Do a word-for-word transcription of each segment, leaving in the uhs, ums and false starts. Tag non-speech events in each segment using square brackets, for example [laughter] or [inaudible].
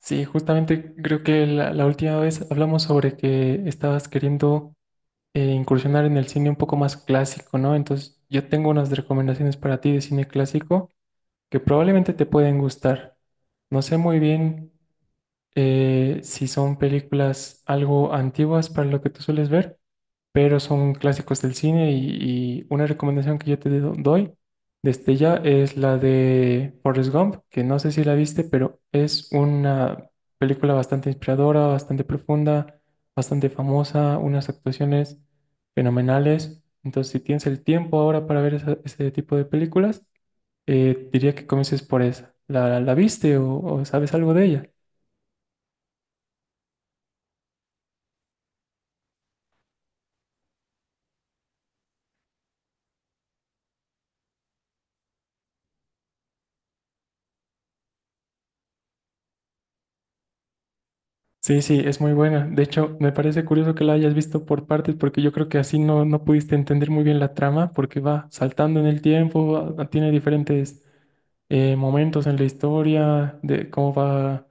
Sí, justamente creo que la, la última vez hablamos sobre que estabas queriendo eh, incursionar en el cine un poco más clásico, ¿no? Entonces yo tengo unas recomendaciones para ti de cine clásico que probablemente te pueden gustar. No sé muy bien eh, sí son películas algo antiguas para lo que tú sueles ver, pero son clásicos del cine y, y una recomendación que yo te do- doy desde ya es la de Forrest Gump, que no sé si la viste, pero es una película bastante inspiradora, bastante profunda, bastante famosa, unas actuaciones fenomenales. Entonces, si tienes el tiempo ahora para ver esa- ese tipo de películas, eh, diría que comiences por esa. ¿La, la viste o o sabes algo de ella? Sí, sí, es muy buena. De hecho, me parece curioso que la hayas visto por partes, porque yo creo que así no, no pudiste entender muy bien la trama, porque va saltando en el tiempo, va- va- tiene diferentes eh, momentos en la historia, de cómo va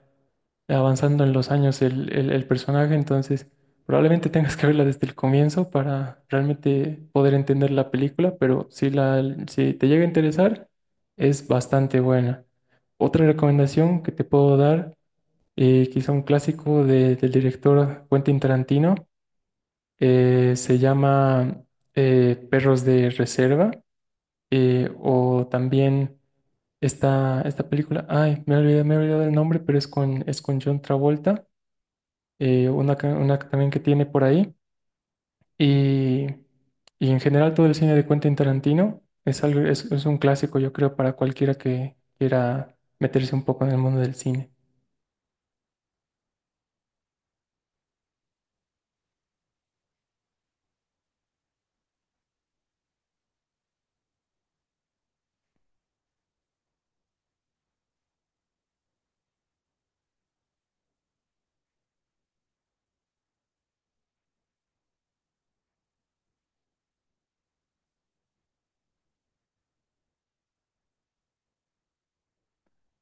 avanzando en los años el, el, el personaje. Entonces, probablemente tengas que verla desde el comienzo para realmente poder entender la película, pero si, la, si te llega a interesar, es bastante buena. Otra recomendación que te puedo dar eh, quizá un clásico de- del director Quentin Tarantino. eh, se llama eh, Perros de Reserva eh, o también esta, esta película, ay, me olvidé, me he olvidado el nombre, pero es con, es con John Travolta, eh, una, ca- una también que tiene por ahí. Y, y en general todo el cine de Quentin Tarantino es algo, es, es un clásico, yo creo, para cualquiera que quiera meterse un poco en el mundo del cine.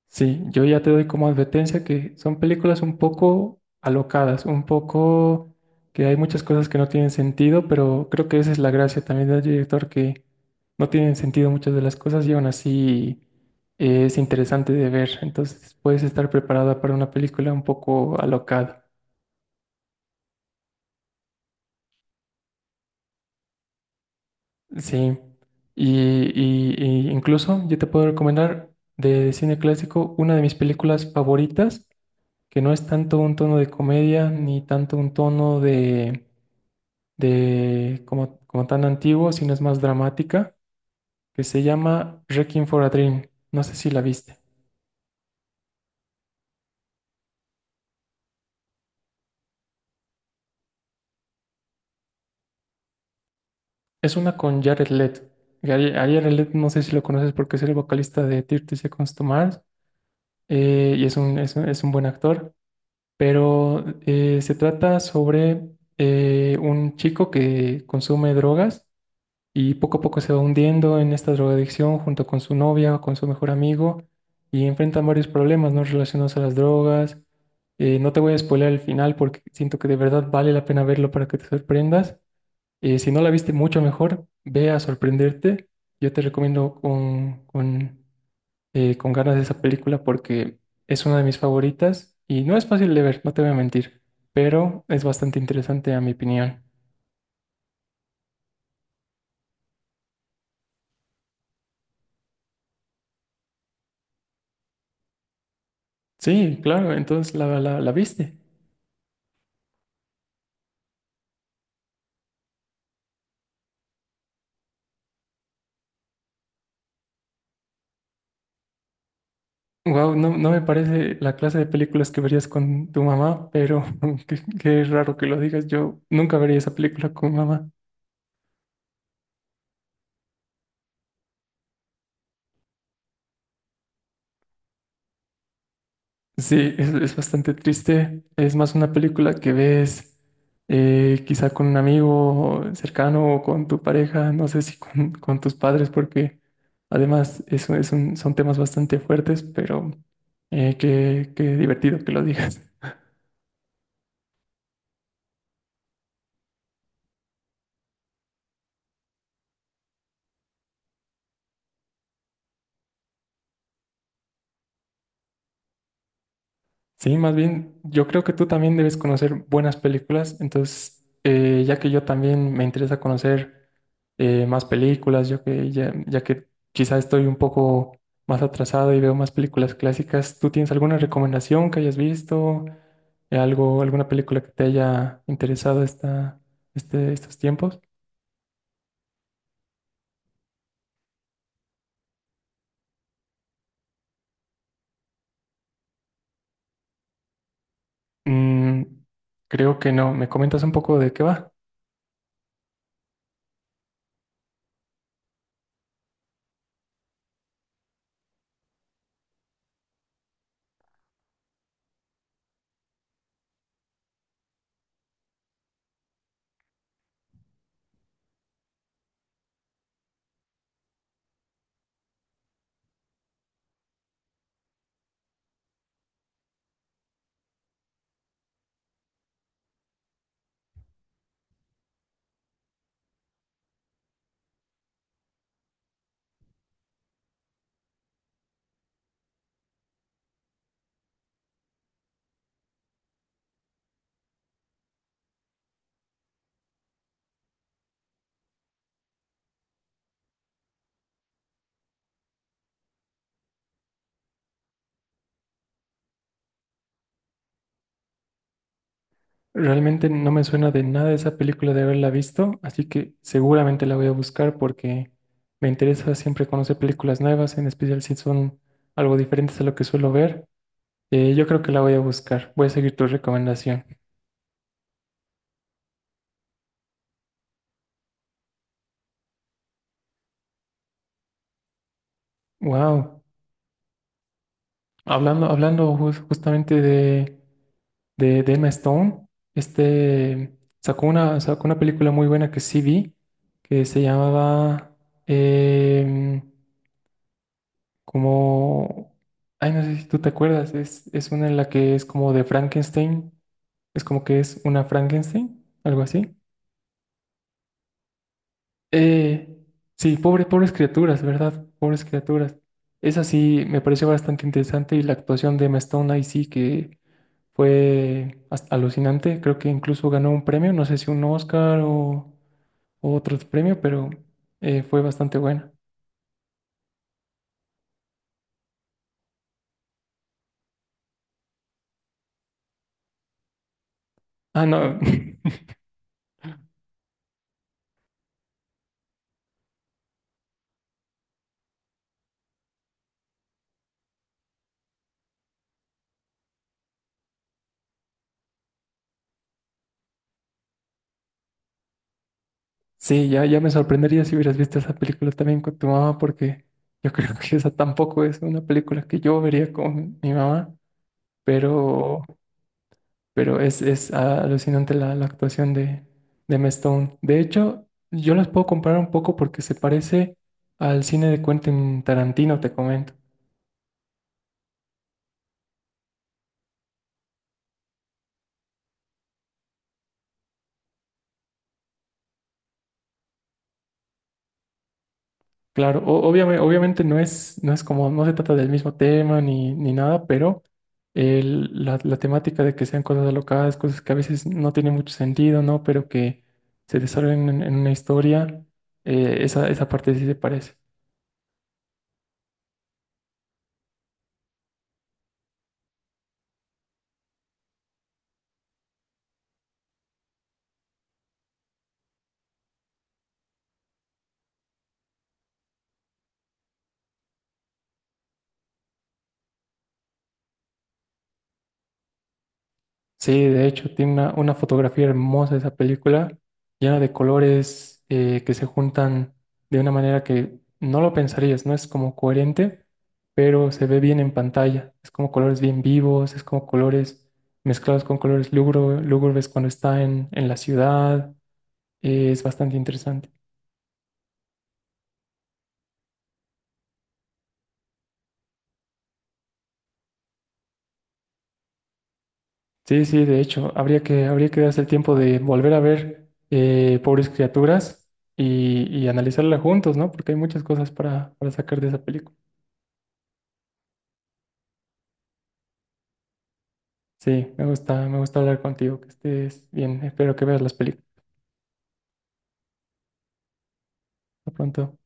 Sí, yo ya te doy como advertencia que son películas un poco alocadas, un poco que hay muchas cosas que no tienen sentido, pero creo que esa es la gracia también del director, que no tienen sentido muchas de las cosas y aún así eh, es interesante de ver. Entonces puedes estar preparada para una película un poco alocada. Sí, y, y- y incluso yo te puedo recomendar de cine clásico una de mis películas favoritas, que no es tanto un tono de comedia ni tanto un tono de, de como, como tan antiguo, sino es más dramática, que se llama Requiem for a Dream. No sé si la viste. Es una con Jared Leto. Gary- A Jared Leto no sé si lo conoces porque es el vocalista de treinta Seconds to Mars, eh, y es un, es un, es un buen actor, pero eh, se trata sobre eh, un chico que consume drogas y poco a poco se va hundiendo en esta drogadicción junto con su novia, con su mejor amigo, y enfrentan varios problemas, ¿no?, relacionados a las drogas. Eh, no te voy a spoiler el final porque siento que de verdad vale la pena verlo para que te sorprendas. Eh, si no la viste mucho mejor, ve a sorprenderte. Yo te recomiendo con, con, eh, con ganas de esa película porque es una de mis favoritas y no es fácil de ver, no te voy a mentir, pero es bastante interesante a mi opinión. Sí, claro, entonces la, la, la viste. Wow, no, no me parece la clase de películas que verías con tu mamá, pero [laughs] qué, qué raro que lo digas. Yo nunca vería esa película con mamá. Sí, es, es bastante triste. Es más una película que ves eh, quizá con un amigo cercano o con tu pareja, no sé si con, con tus padres, porque además eso es un- son temas bastante fuertes, pero eh, qué, qué divertido que lo digas. Sí, más bien, yo creo que tú también debes conocer buenas películas, entonces, eh, ya que yo también me interesa conocer eh, más películas, yo que ya, ya que quizá estoy un poco más atrasado y veo más películas clásicas, ¿tú tienes alguna recomendación que hayas visto? Eh, algo, alguna película que te haya interesado esta, este, ¿estos tiempos? Mm, creo que no. ¿Me comentas un poco de qué va? Realmente no me suena de nada esa película de haberla visto, así que seguramente la voy a buscar porque me interesa siempre conocer películas nuevas, en especial si son algo diferentes a lo que suelo ver. Eh, yo creo que la voy a buscar. Voy a seguir tu recomendación. Wow. Hablando, hablando jus- justamente de, de, de Emma Stone, este sacó una, sacó una película muy buena que sí vi, que se llamaba em, como, ay, no sé si tú te acuerdas, es, es una en la que es como de Frankenstein, es como que es una Frankenstein, algo así. Eh, sí, pobre, pobres criaturas, ¿verdad? Pobres criaturas. Esa sí me pareció bastante interesante y la actuación de Emma Stone ahí sí que fue as- alucinante, creo que incluso ganó un premio, no sé si un Oscar o, o otro premio, pero eh, fue bastante buena. Ah, no. [laughs] Sí, ya, ya me sorprendería si hubieras visto esa película también con tu mamá, porque yo [laughs] creo que esa tampoco es una película que yo vería con mi mamá, pero, pero es, es alucinante la, la actuación de, de Emma Stone. De hecho, yo las puedo comparar un poco porque se parece al cine de Quentin Tarantino, te comento. Claro, obviamente, obviamente no es, no es como, no se trata del mismo tema ni, ni nada, pero el- la, la temática de que sean cosas alocadas, cosas que a veces no tienen mucho sentido, ¿no?, pero que se desarrollan en, en una historia, eh, esa, esa parte sí se parece. Sí, de hecho, tiene una, una fotografía hermosa esa película, llena de colores eh, que se juntan de una manera que no lo pensarías, no es como coherente, pero se ve bien en pantalla. Es como colores bien vivos, es como colores mezclados con colores lúgubre- lúgubres cuando está en, en la ciudad. Eh, es bastante interesante. Sí, sí, de hecho, habría que, habría que darse el tiempo de volver a ver eh, Pobres Criaturas y, y analizarla juntos, ¿no? Porque hay muchas cosas para, para sacar de esa película. Sí, me gusta, me gusta hablar contigo, que estés bien. Espero que veas las películas pronto.